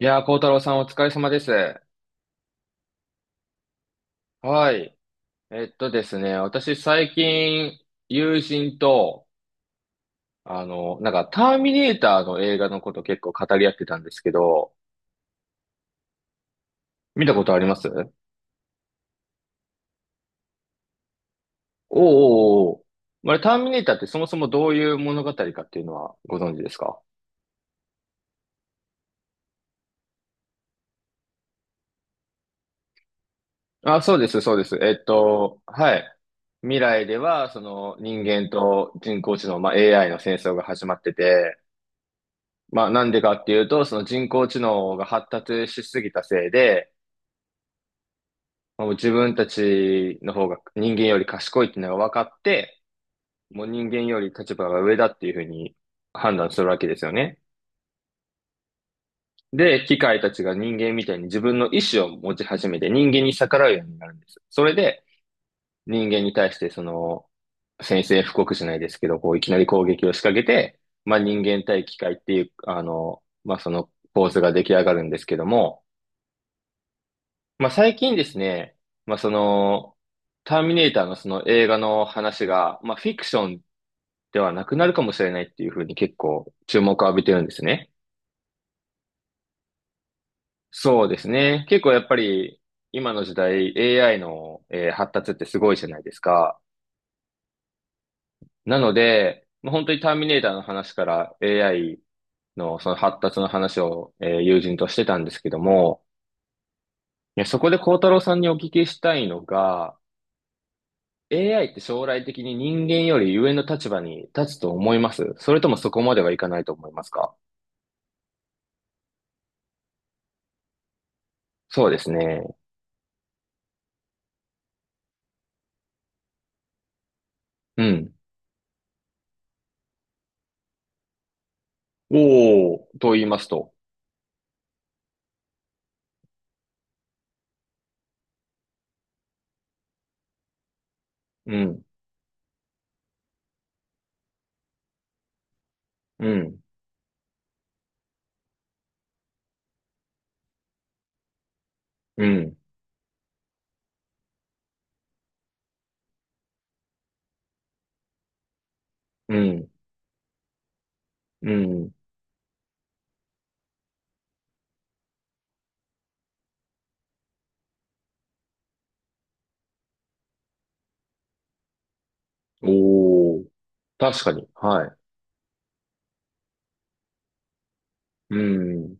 いやー、幸太郎さんお疲れ様です。はい。ですね、私最近、友人と、ターミネーターの映画のこと結構語り合ってたんですけど、見たことあります？おうおうおう。まあれ、ターミネーターってそもそもどういう物語かっていうのはご存知ですか？あ、そうです、そうです。はい。未来では、その人間と人工知能、まあ、AI の戦争が始まってて、まあなんでかっていうと、その人工知能が発達しすぎたせいで、もう自分たちの方が人間より賢いっていうのが分かって、もう人間より立場が上だっていうふうに判断するわけですよね。で、機械たちが人間みたいに自分の意志を持ち始めて人間に逆らうようになるんです。それで人間に対してその宣戦布告じゃないですけど、こういきなり攻撃を仕掛けて、まあ人間対機械っていう、まあその構図が出来上がるんですけども、まあ、最近ですね、まあ、ターミネーターのその映画の話が、まあ、フィクションではなくなるかもしれないっていうふうに結構注目を浴びてるんですね。そうですね。結構やっぱり今の時代 AI の、発達ってすごいじゃないですか。なので、まあ、本当にターミネーターの話から AI のその発達の話を、友人としてたんですけども、いや、そこで孝太郎さんにお聞きしたいのが、AI って将来的に人間より上の立場に立つと思います？それともそこまではいかないと思いますか？そうですね。うん。おー、と言いますと？うん、うん、うん、うん、うん。おー、確かに。はい。うん、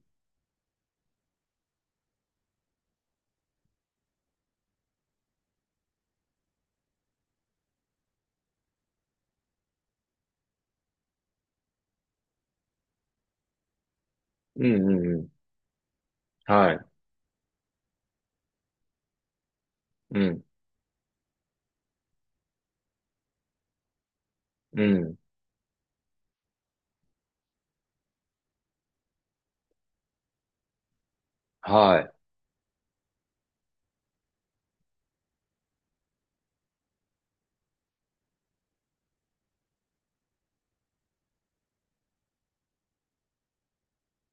うん、うん、うん。はい。うん、うん、はい。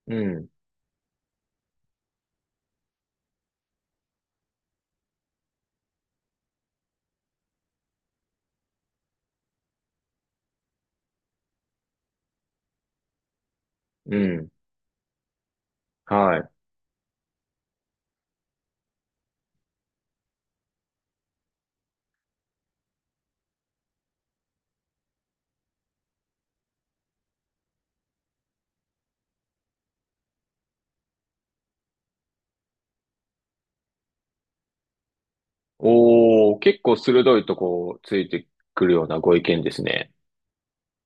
うん、うん、はい。おー、結構鋭いとこついてくるようなご意見ですね。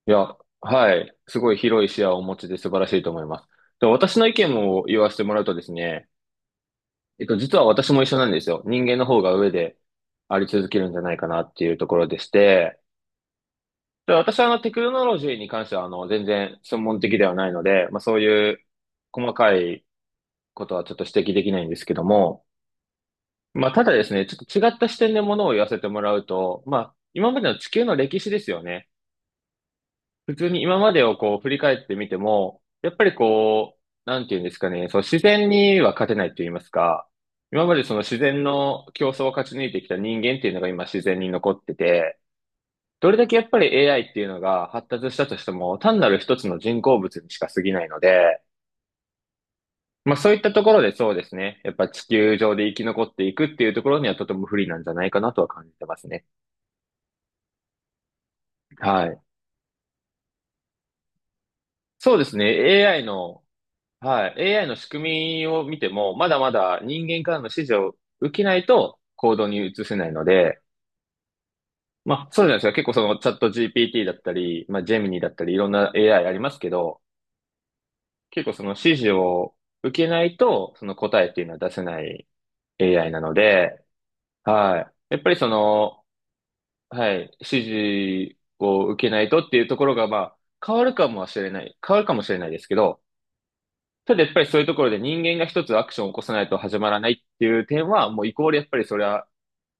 いや、はい。すごい広い視野をお持ちで素晴らしいと思います。で、私の意見を言わせてもらうとですね、実は私も一緒なんですよ。人間の方が上であり続けるんじゃないかなっていうところでして、で、私はテクノロジーに関しては全然専門的ではないので、まあそういう細かいことはちょっと指摘できないんですけども、まあただですね、ちょっと違った視点でものを言わせてもらうと、まあ今までの地球の歴史ですよね。普通に今までをこう振り返ってみても、やっぱりこう、なんていうんですかね、その自然には勝てないと言いますか、今までその自然の競争を勝ち抜いてきた人間っていうのが今自然に残ってて、どれだけやっぱり AI っていうのが発達したとしても、単なる一つの人工物にしか過ぎないので、まあそういったところでそうですね、やっぱ地球上で生き残っていくっていうところにはとても不利なんじゃないかなとは感じてますね。はい。そうですね。AI の。はい。AI の仕組みを見ても、まだまだ人間からの指示を受けないと行動に移せないので、まあ、そうじゃないですか。結構そのチャット GPT だったり、まあ、ジェミニだったり、いろんな AI ありますけど、結構その指示を受けないと、その答えっていうのは出せない AI なので、はい。やっぱりその、はい、指示を受けないとっていうところが、まあ、変わるかもしれない。変わるかもしれないですけど、ただやっぱりそういうところで人間が一つアクションを起こさないと始まらないっていう点は、もうイコールやっぱりそれは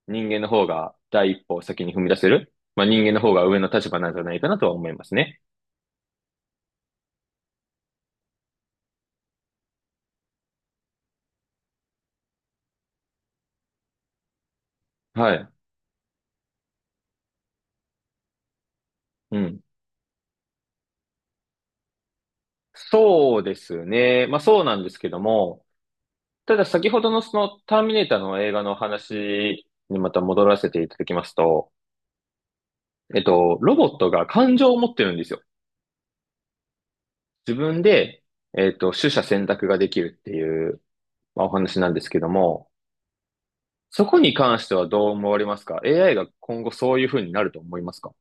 人間の方が第一歩を先に踏み出せる。まあ人間の方が上の立場なんじゃないかなとは思いますね。はい。うん。そうですね。まあそうなんですけども、ただ先ほどのそのターミネーターの映画の話にまた戻らせていただきますと、ロボットが感情を持ってるんですよ。自分で、取捨選択ができるっていう、まあ、お話なんですけども、そこに関してはどう思われますか ?AI が今後そういう風になると思いますか？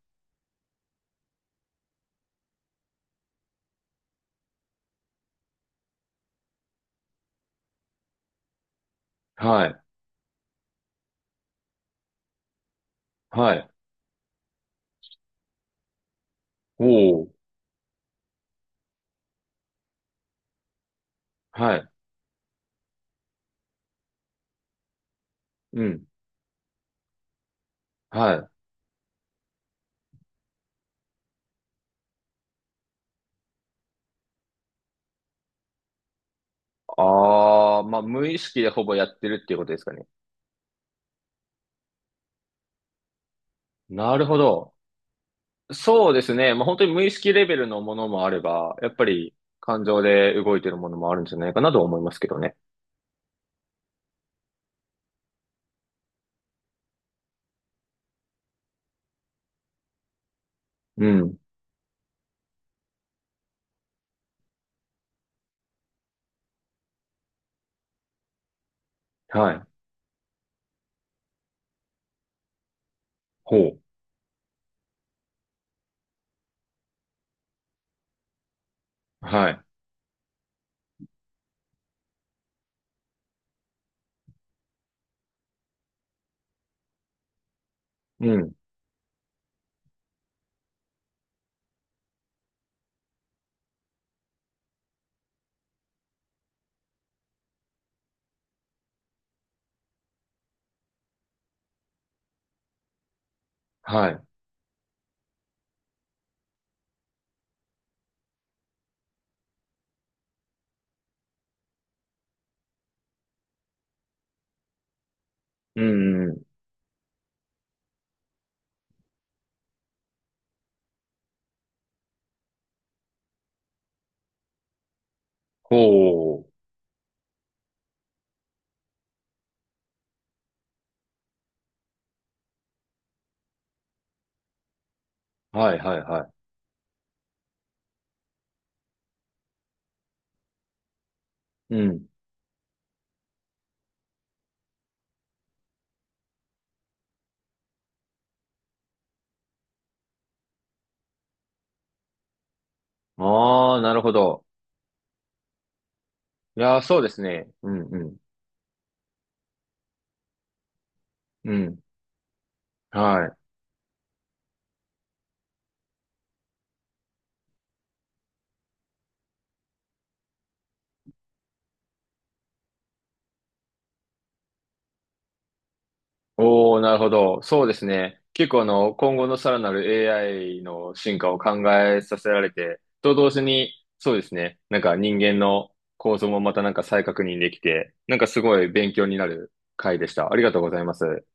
はい。はい。おお。はい。うん。はい。ああ、まあ、無意識でほぼやってるっていうことですかね。なるほど。そうですね。まあ、本当に無意識レベルのものもあれば、やっぱり感情で動いてるものもあるんじゃないかなとは思いますけどね。うん。はい。ほう。はい。うん。はい。うんうんうん。ほう。はいはいはい。うん。ああ、なるほど。いやー、そうですね。うんうん。うん。はい。おー、なるほど。そうですね。結構今後のさらなる AI の進化を考えさせられて、と同時に、そうですね。なんか人間の構造もまたなんか再確認できて、なんかすごい勉強になる回でした。ありがとうございます。